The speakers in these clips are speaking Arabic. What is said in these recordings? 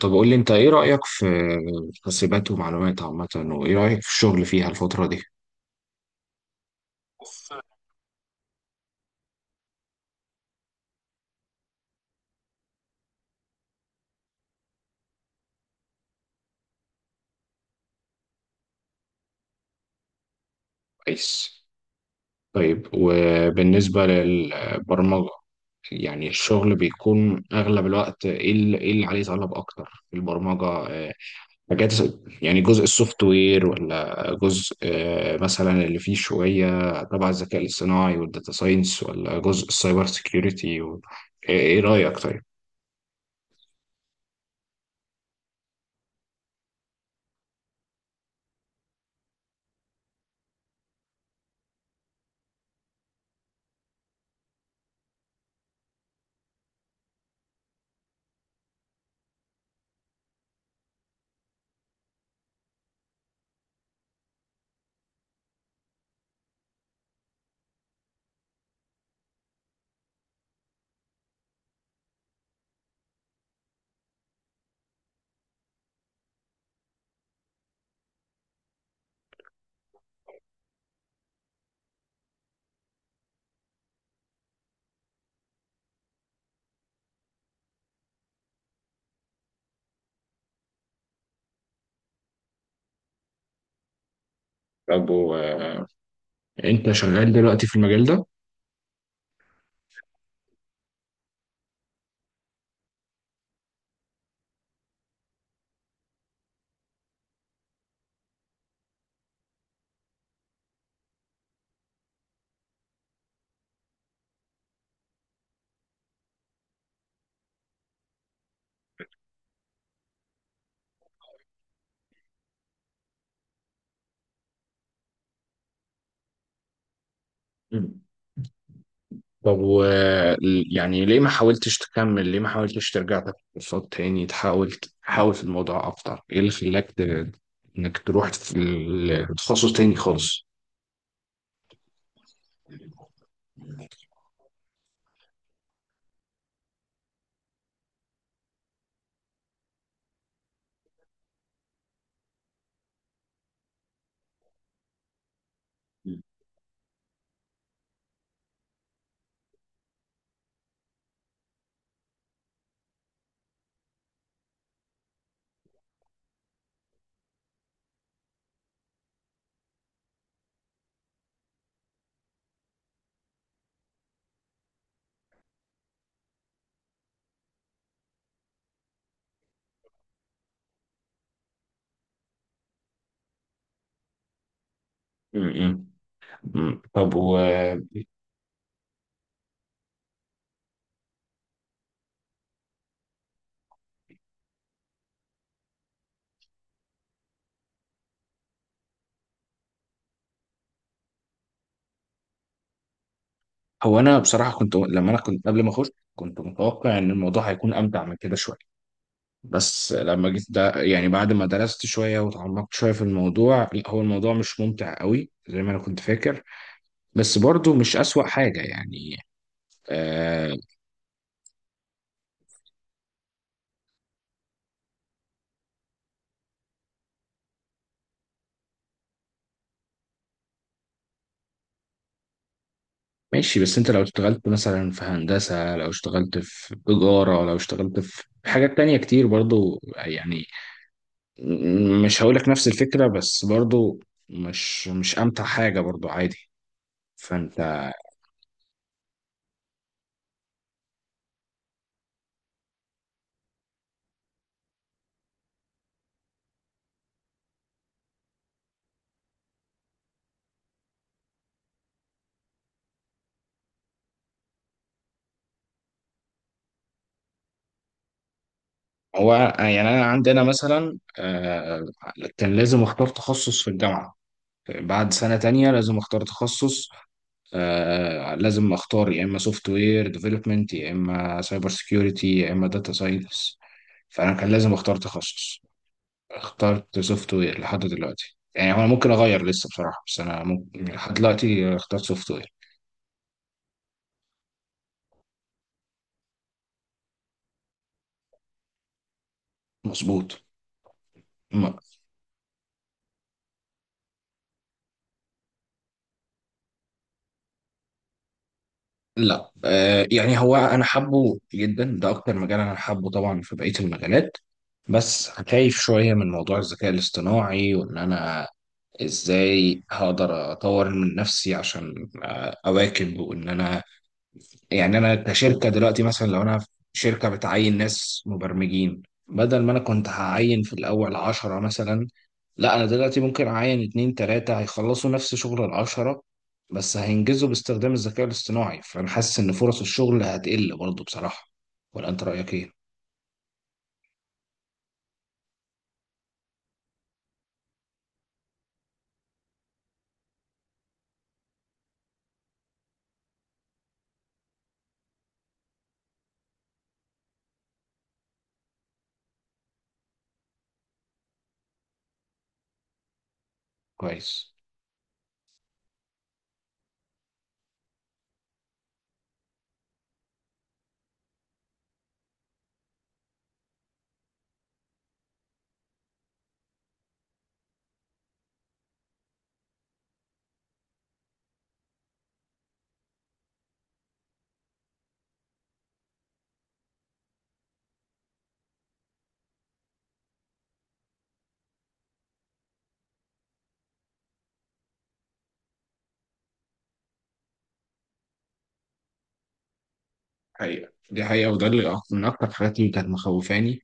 طب قول لي انت ايه رأيك في حاسبات ومعلومات عامة وايه رأيك في الشغل فيها الفترة دي؟ كويس. طيب وبالنسبة للبرمجة، يعني الشغل بيكون أغلب الوقت إيه اللي عليه طلب أكتر في البرمجة؟ حاجات يعني، جزء السوفت وير ولا جزء، مثلا اللي فيه شوية تبع الذكاء الاصطناعي والداتا ساينس، ولا جزء السايبر سيكيورتي و... إيه رأيك طيب؟ طب و- آه، أنت شغال دلوقتي في المجال ده؟ مم. طب و، يعني ليه ما حاولتش تكمل؟ ليه ما حاولتش ترجع تاخد كورسات تاني، تحاول في الموضوع اكتر؟ ايه اللي خلاك ت... انك تروح في تخصص تاني خالص؟ مم. مم. طب و، هو انا بصراحه كنت، لما كنت قبل ما اخش كنت متوقع ان الموضوع هيكون امتع من كده شويه، بس لما جيت ده يعني بعد ما درست شويه وتعمقت شويه في الموضوع، لا هو الموضوع مش ممتع قوي زي ما انا كنت فاكر. بس برضو مش اسوأ حاجه يعني. آه. ماشي، بس انت لو اشتغلت مثلا في هندسة، لو اشتغلت في تجارة، لو اشتغلت في حاجات تانية كتير برضو يعني، مش هقولك نفس الفكرة، بس برضو مش امتع حاجة، برضو عادي. فانت، هو يعني انا عندنا مثلا كان لازم اختار تخصص في الجامعة، بعد سنة تانية لازم اختار تخصص. آه، لازم اختار يا اما سوفت وير ديفلوبمنت، يا اما سايبر سكيورتي، يا اما داتا ساينس. فانا كان لازم اختار تخصص. اخترت سوفت وير لحد دلوقتي، يعني انا ممكن اغير لسه بصراحه، بس انا ممكن لحد دلوقتي اخترت سوفت وير. مظبوط. م- لا آه، يعني هو انا حابه جدا، ده اكتر مجال انا حابه طبعا في بقيه المجالات. بس خايف شويه من موضوع الذكاء الاصطناعي، وان انا ازاي هقدر اطور من نفسي عشان اواكب، وان انا يعني انا كشركه دلوقتي، مثلا لو انا في شركه بتعين ناس مبرمجين، بدل ما انا كنت هعين في الاول عشرة مثلا، لا انا دلوقتي ممكن اعين اتنين تلاتة هيخلصوا نفس شغل العشرة، بس هينجزوا باستخدام الذكاء الاصطناعي. فانا حاسس ان فرص الشغل هتقل برضه بصراحه. ولا انت رايك ايه؟ كويس. حقيقة، دي حقيقة، وده اللي من أكتر الحاجات اللي كانت مخوفاني.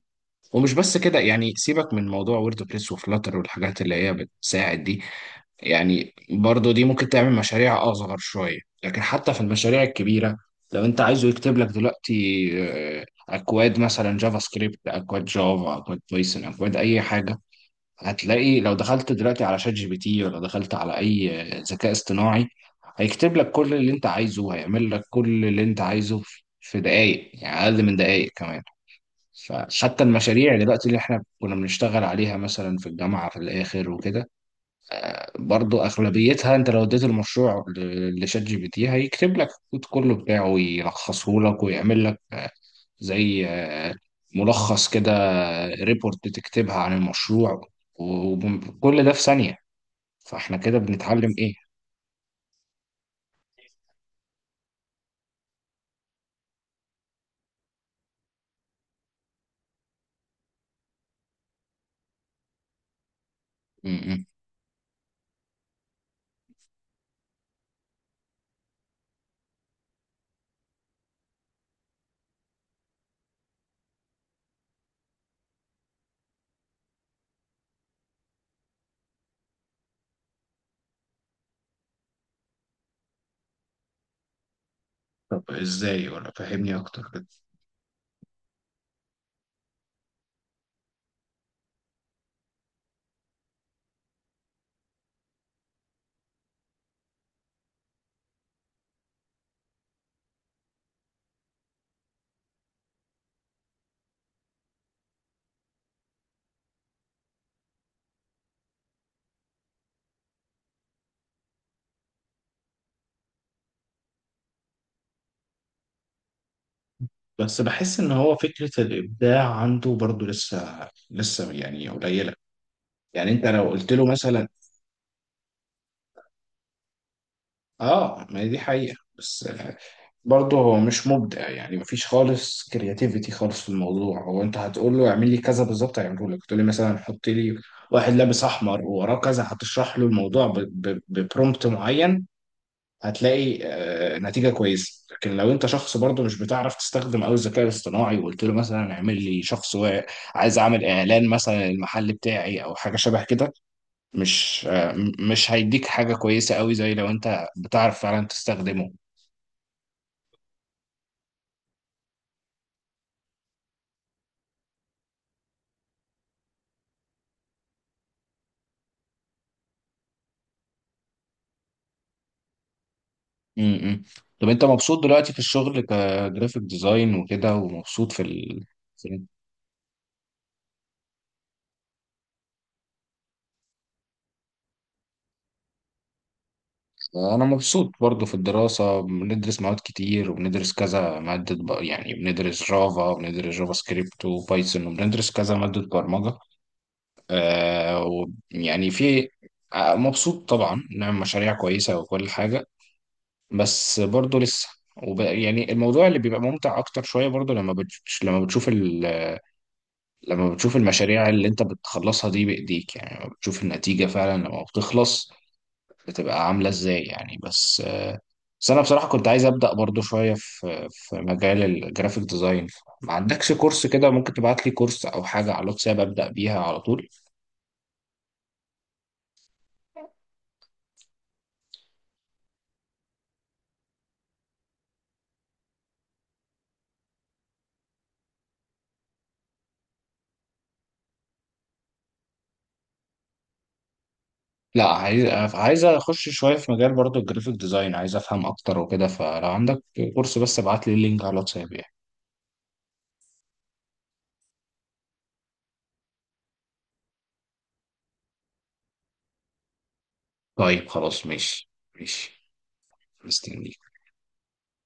ومش بس كده يعني، سيبك من موضوع ووردبريس وفلاتر والحاجات اللي هي بتساعد دي، يعني برضو دي ممكن تعمل مشاريع أصغر شوية، لكن حتى في المشاريع الكبيرة لو أنت عايزه يكتب لك دلوقتي أكواد مثلا جافا سكريبت، أكواد جافا، أكواد بايثون، أكواد أي حاجة، هتلاقي لو دخلت دلوقتي على شات جي بي تي، ولا دخلت على أي ذكاء اصطناعي، هيكتب لك كل اللي أنت عايزه، هيعمل لك كل اللي أنت عايزه في دقايق، يعني أقل من دقايق كمان. فحتى المشاريع دلوقتي اللي احنا كنا بنشتغل عليها مثلا في الجامعة في الآخر وكده، برضو أغلبيتها أنت لو اديت المشروع لشات جي بي تي هيكتب لك الكود كله بتاعه، ويلخصه لك، ويعمل لك زي ملخص كده، ريبورت تكتبها عن المشروع، وكل ده في ثانية. فاحنا كده بنتعلم إيه؟ م- م. طب ازاي؟ ولا فهمني اكتر كده. بس بحس ان هو فكرة الابداع عنده برضو لسه يعني قليلة، يعني انت لو قلت له مثلا، اه ما هي دي حقيقة، بس برضه هو مش مبدع يعني، مفيش خالص كرياتيفيتي خالص في الموضوع، هو انت هتقول له اعمل لي كذا بالظبط هيعمله لك. تقول لي مثلا حط لي واحد لابس احمر ووراه كذا، هتشرح له الموضوع ببرومبت معين، هتلاقي نتيجة كويسة. لكن لو انت شخص برضه مش بتعرف تستخدم قوي الذكاء الاصطناعي وقلت له مثلا اعمل لي شخص واعي-، عايز اعمل اعلان مثلا للمحل بتاعي او حاجة شبه كده، مش مش هيديك حاجة كويسة قوي زي لو انت بتعرف فعلا تستخدمه. امم. طب انت مبسوط دلوقتي في الشغل كجرافيك ديزاين وكده، ومبسوط في ال...؟ في انا مبسوط برضو في الدراسة، بندرس مواد كتير وبندرس كذا مادة، يعني بندرس جافا وبندرس جافا سكريبت وبايثون وبندرس كذا مادة برمجة. آه، ويعني في، مبسوط طبعا، نعمل مشاريع كويسة وكل حاجة. بس برضه لسه، يعني الموضوع اللي بيبقى ممتع اكتر شويه برضه لما لما بتشوف ال... لما بتشوف المشاريع اللي انت بتخلصها دي بايديك، يعني لما بتشوف النتيجه فعلا لما بتخلص بتبقى عامله ازاي يعني. بس انا بصراحه كنت عايز ابدا برضه شويه في مجال الجرافيك ديزاين. ما عندكش كورس كده ممكن تبعت لي كورس او حاجه على الواتساب ابدا بيها على طول؟ لا عايز عايز اخش شويه في مجال برضه الجرافيك ديزاين، عايز افهم اكتر وكده، فلو عندك كورس بس ابعت لي اللينك على الواتساب يعني. طيب خلاص، ماشي ماشي. مستنيك.